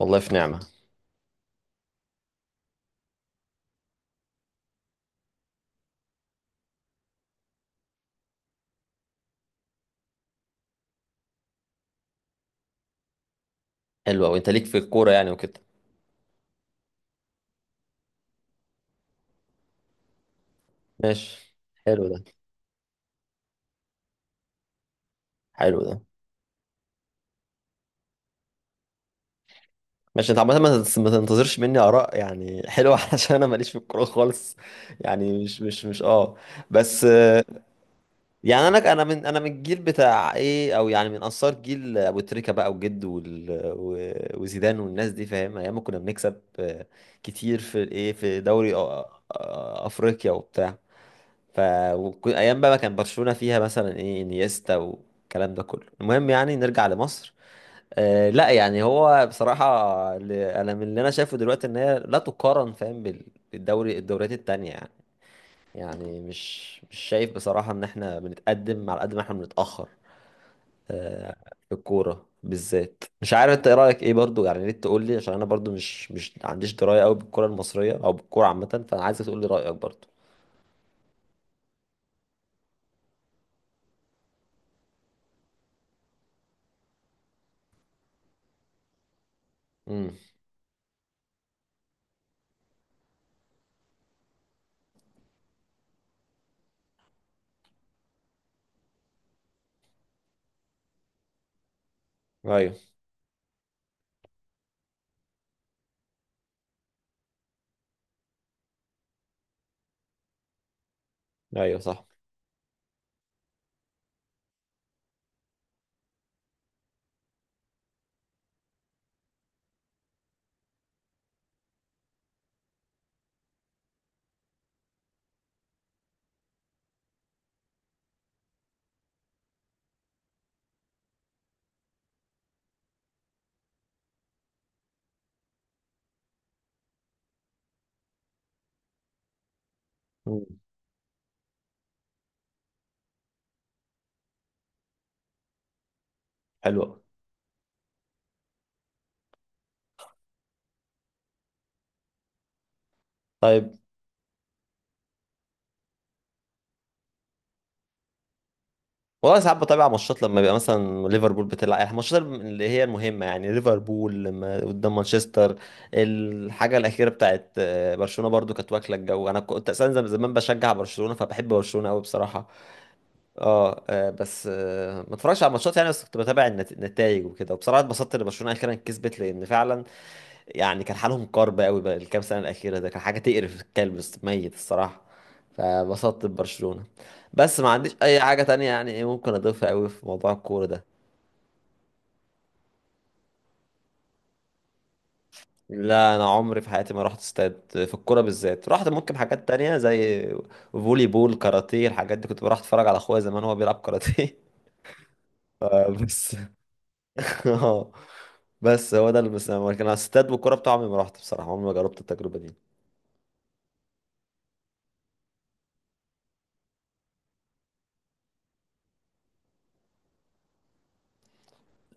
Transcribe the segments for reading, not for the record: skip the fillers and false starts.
والله في نعمة. حلو أوي، أنت ليك في الكورة يعني وكده. ماشي. حلو ده. حلو ده. ماشي. أنت عامة ما تنتظرش مني آراء يعني حلوة علشان أنا ماليش في الكورة خالص. يعني مش. بس، يعني أنا من الجيل بتاع إيه، أو يعني من أنصار جيل أبو تريكة بقى وجد وزيدان والناس دي، فاهم؟ أيام ما كنا بنكسب كتير في الإيه، في دوري أفريقيا وبتاع. ف ايام بقى ما كان برشلونة فيها مثلا ايه انيستا والكلام ده كله. المهم يعني نرجع لمصر. آه لا، يعني هو بصراحة، انا من اللي انا شايفه دلوقتي ان هي لا تقارن، فاهم؟ بالدوري، الدوريات التانية يعني. يعني مش شايف بصراحة ان احنا بنتقدم على قد ما احنا بنتأخر. آه. في الكورة بالذات، مش عارف انت ايه رأيك ايه برضو، يعني يا ريت تقول لي، عشان انا برضو مش عنديش دراية قوي بالكرة المصرية او بالكورة عامة، فانا عايزك تقول لي رأيك برضو. امم. ايوه. ايوه صح. حلو أوي. طيب. والله ساعات بتابع ماتشات لما بيبقى مثلا ليفربول بتلعب، يعني الماتشات اللي هي المهمة، يعني ليفربول لما قدام مانشستر. الحاجة الأخيرة بتاعت برشلونة برضو كانت واكلة الجو. أنا كنت أساسا زمان بشجع برشلونة، فبحب برشلونة أوي بصراحة. أه آه، بس آه، ما اتفرجش على الماتشات يعني، بس كنت بتابع النتائج وكده، وبصراحة اتبسطت إن برشلونة أخيرا كسبت، لأن فعلا يعني كان حالهم كرب قوي بقى. الكام سنة الأخيرة ده كان حاجة تقرف الكلب، ميت الصراحة. فبسطت ببرشلونة. بس ما عنديش أي حاجة تانية يعني إيه ممكن أضيفها قوي في موضوع الكورة ده. لا، أنا عمري في حياتي ما رحت استاد في الكورة بالذات. رحت ممكن حاجات تانية زي فولي بول، كاراتيه، الحاجات دي، كنت بروح أتفرج على أخويا زمان وهو بيلعب كاراتيه. بس آه، بس هو ده اللي بس، لكن على الاستاد والكورة بتاعه عمري ما رحت بصراحة، عمري ما جربت التجربة دي.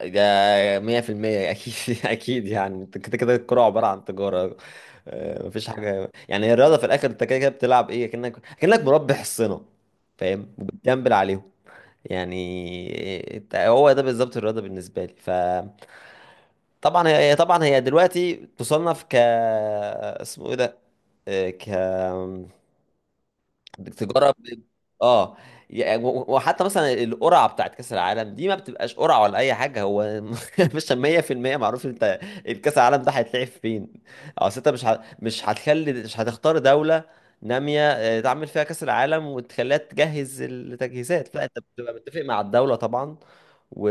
ده 100% اكيد اكيد يعني، انت كده كده الكوره عباره عن تجاره. مفيش حاجه يعني، هي الرياضه في الاخر انت كده كده بتلعب ايه، كأنك مربي حصنه، فاهم؟ وبتجنبل عليهم يعني. هو ده بالظبط الرياضه بالنسبه لي. طبعا طبعا هي دلوقتي تصنف اسمه ايه ده، آه، ك التجاره اه يعني، و- و- وحتى مثلا القرعه بتاعت كاس العالم دي ما بتبقاش قرعه ولا اي حاجه، هو مش 100% معروف انت الكاس العالم ده هيتلعب فين. اصل انت مش هتخلي مش هتختار دوله ناميه، تعمل فيها كاس العالم وتخليها تجهز التجهيزات، لا انت بتبقى متفق مع الدوله طبعا، و...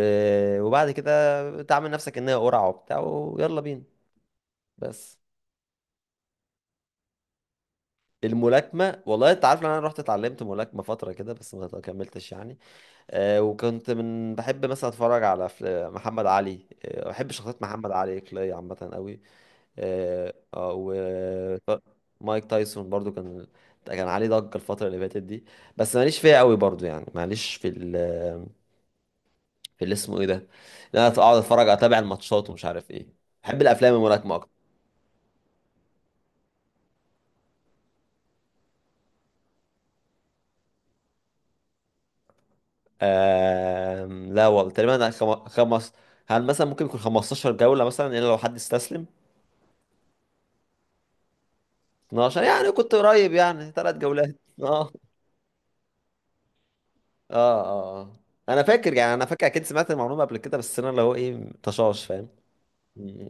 وبعد كده تعمل نفسك ان هي قرعه وبتاع ويلا بينا. بس. الملاكمه، والله انت عارف ان انا رحت اتعلمت ملاكمه فتره كده، بس ما كملتش يعني. وكنت من بحب مثلا اتفرج على محمد علي. بحب شخصيات محمد علي كلاي عامه قوي. و مايك تايسون برضو كان، كان عليه ضجه الفتره اللي فاتت دي. بس ماليش فيها قوي برضو يعني، ماليش في في اللي اسمه ايه ده، ان انا اقعد اتفرج اتابع الماتشات ومش عارف ايه. بحب الافلام الملاكمه اكتر. لا والله تقريبا أنا خمس. هل مثلا ممكن يكون 15 جوله، مثلا الا لو حد استسلم؟ 12 يعني كنت قريب، يعني 3 جولات. اه اه اه. اه، انا فاكر يعني، انا فاكر اكيد سمعت المعلومه قبل كده، بس انا اللي هو ايه طشاش، فاهم. م-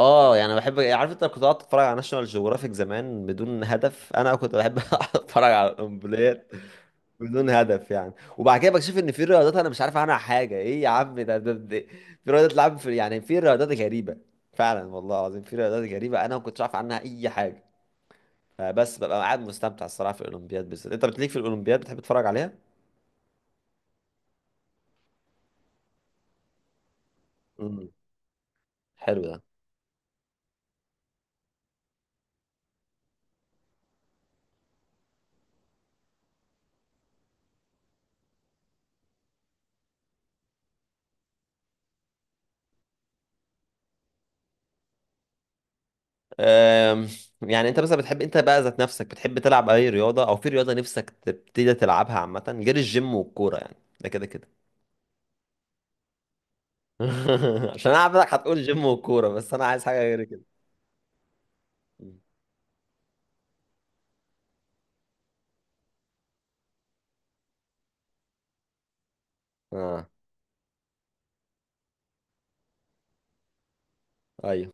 اه يعني بحب. عارف انت كنت قاعد اتفرج على ناشونال جيوغرافيك زمان بدون هدف، انا كنت بحب اتفرج على القنبلات بدون هدف يعني، وبعد كده بكتشف ان في رياضات انا مش عارف عنها حاجه، ايه يا عم ده. في رياضات لعب في، يعني في رياضات غريبه، فعلا والله العظيم في رياضات غريبه انا ما كنتش عارف عنها اي حاجه، بس ببقى قاعد مستمتع الصراحه في الاولمبياد بالذات. انت بتليك في الاولمبياد، بتحب تتفرج عليها. امم. حلو ده. أم، يعني انت مثلا بتحب، انت بقى ذات نفسك بتحب تلعب اي رياضة، او في رياضة نفسك تبتدي تلعبها عامة، غير الجيم والكورة يعني، ده كده كده. عشان انا عارفك هتقول جيم والكورة، بس انا عايز حاجة غير كده. مم. اه ايوه.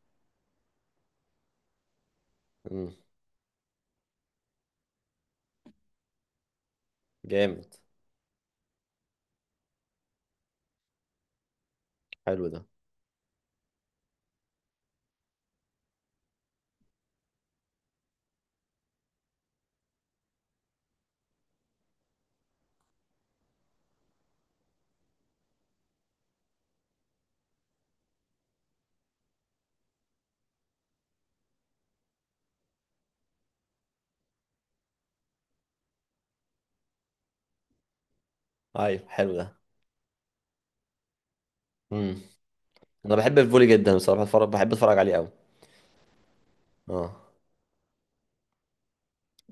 مم. جامد. حلو ده. ايوه حلو ده. مم. انا بحب الفولي جدا بصراحة، بتفرج بحب اتفرج عليه قوي. اه.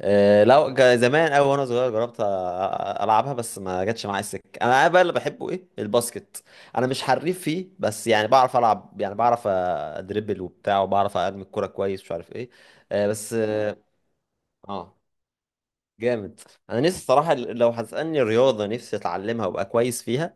لو زمان قوي وانا صغير جربت العبها، بس ما جاتش معايا السكه. انا بقى اللي بحبه ايه، الباسكت. انا مش حريف فيه، بس يعني بعرف العب يعني، بعرف ادربل وبتاع، وبعرف ارمي الكوره كويس، مش عارف ايه. آه، بس اه آه. جامد. انا نفسي الصراحه لو هتسالني رياضه نفسي اتعلمها وابقى كويس فيها،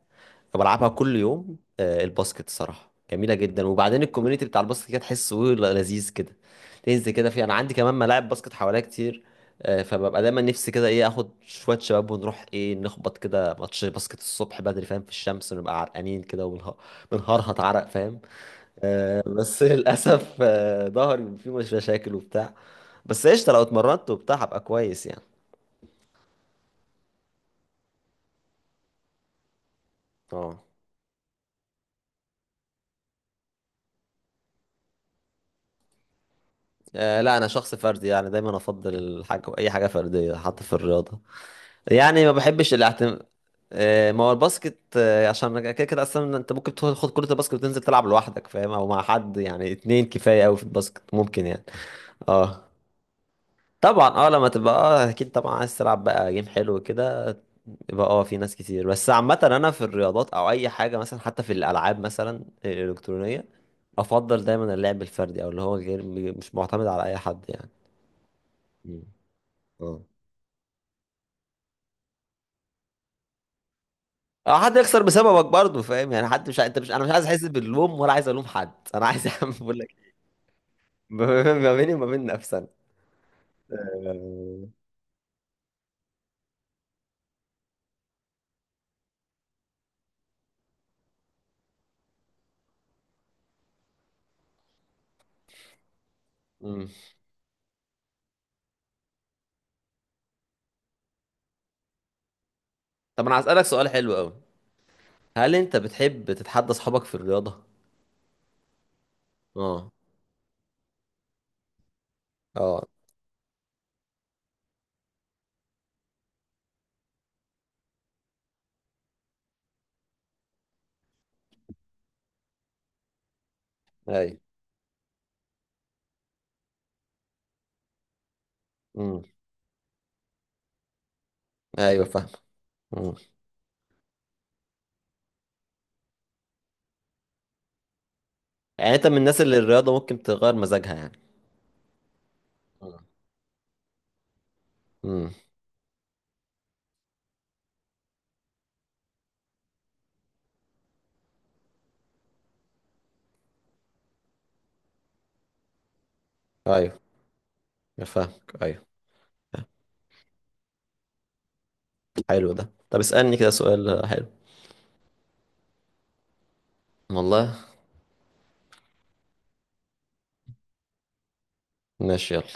بلعبها كل يوم، الباسكت. الصراحه جميله جدا، وبعدين الكوميونتي بتاع الباسكت كده تحسه لذيذ كده، تنزل كده فيه. انا عندي كمان ملاعب باسكت حواليا كتير، فببقى دايما نفسي كده ايه اخد شويه شباب ونروح ايه نخبط كده ماتش باسكت الصبح بدري، فاهم، في الشمس، ونبقى عرقانين كده وبنه- بنهرهط عرق، فاهم. بس للاسف ظهري فيه مش مشاكل وبتاع، بس قشطه لو اتمرنت وبتاع هبقى كويس يعني. اه. لا انا شخص فردي، يعني دايما افضل الحاجه اي حاجه فرديه، حتى في الرياضه. يعني ما بحبش الاعتماد. ما هو الباسكت عشان كده كده اصلا انت ممكن تاخد كره الباسكت وتنزل تلعب لوحدك، فاهم، او مع حد يعني، اتنين كفايه قوي في الباسكت ممكن يعني. اه طبعا. اه لما تبقى اه اكيد، طبعا عايز تلعب بقى جيم حلو كده يبقى اه في ناس كتير. بس عامه انا في الرياضات او اي حاجه مثلا، حتى في الالعاب مثلا الالكترونيه، افضل دايما اللعب الفردي، او اللي هو غير، مش معتمد على اي حد يعني. اه. او حد يخسر بسببك برضه، فاهم يعني، حد مش ع- انت مش انا مش عايز احس باللوم ولا عايز الوم حد، انا عايز يا عم بقول لك ما بيني وما بين نفسنا. آه، مم. طب انا هسألك سؤال حلو قوي. هل انت بتحب تتحدى اصحابك في الرياضة؟ اه. اه ايوه. امم. ايوه فاهم. مم. يعني انت من الناس اللي الرياضة ممكن تغير مزاجها يعني. امم. ايوه فاهمك ايوه. حلو ده، طب اسألني كده سؤال حلو. والله، ماشي يلا.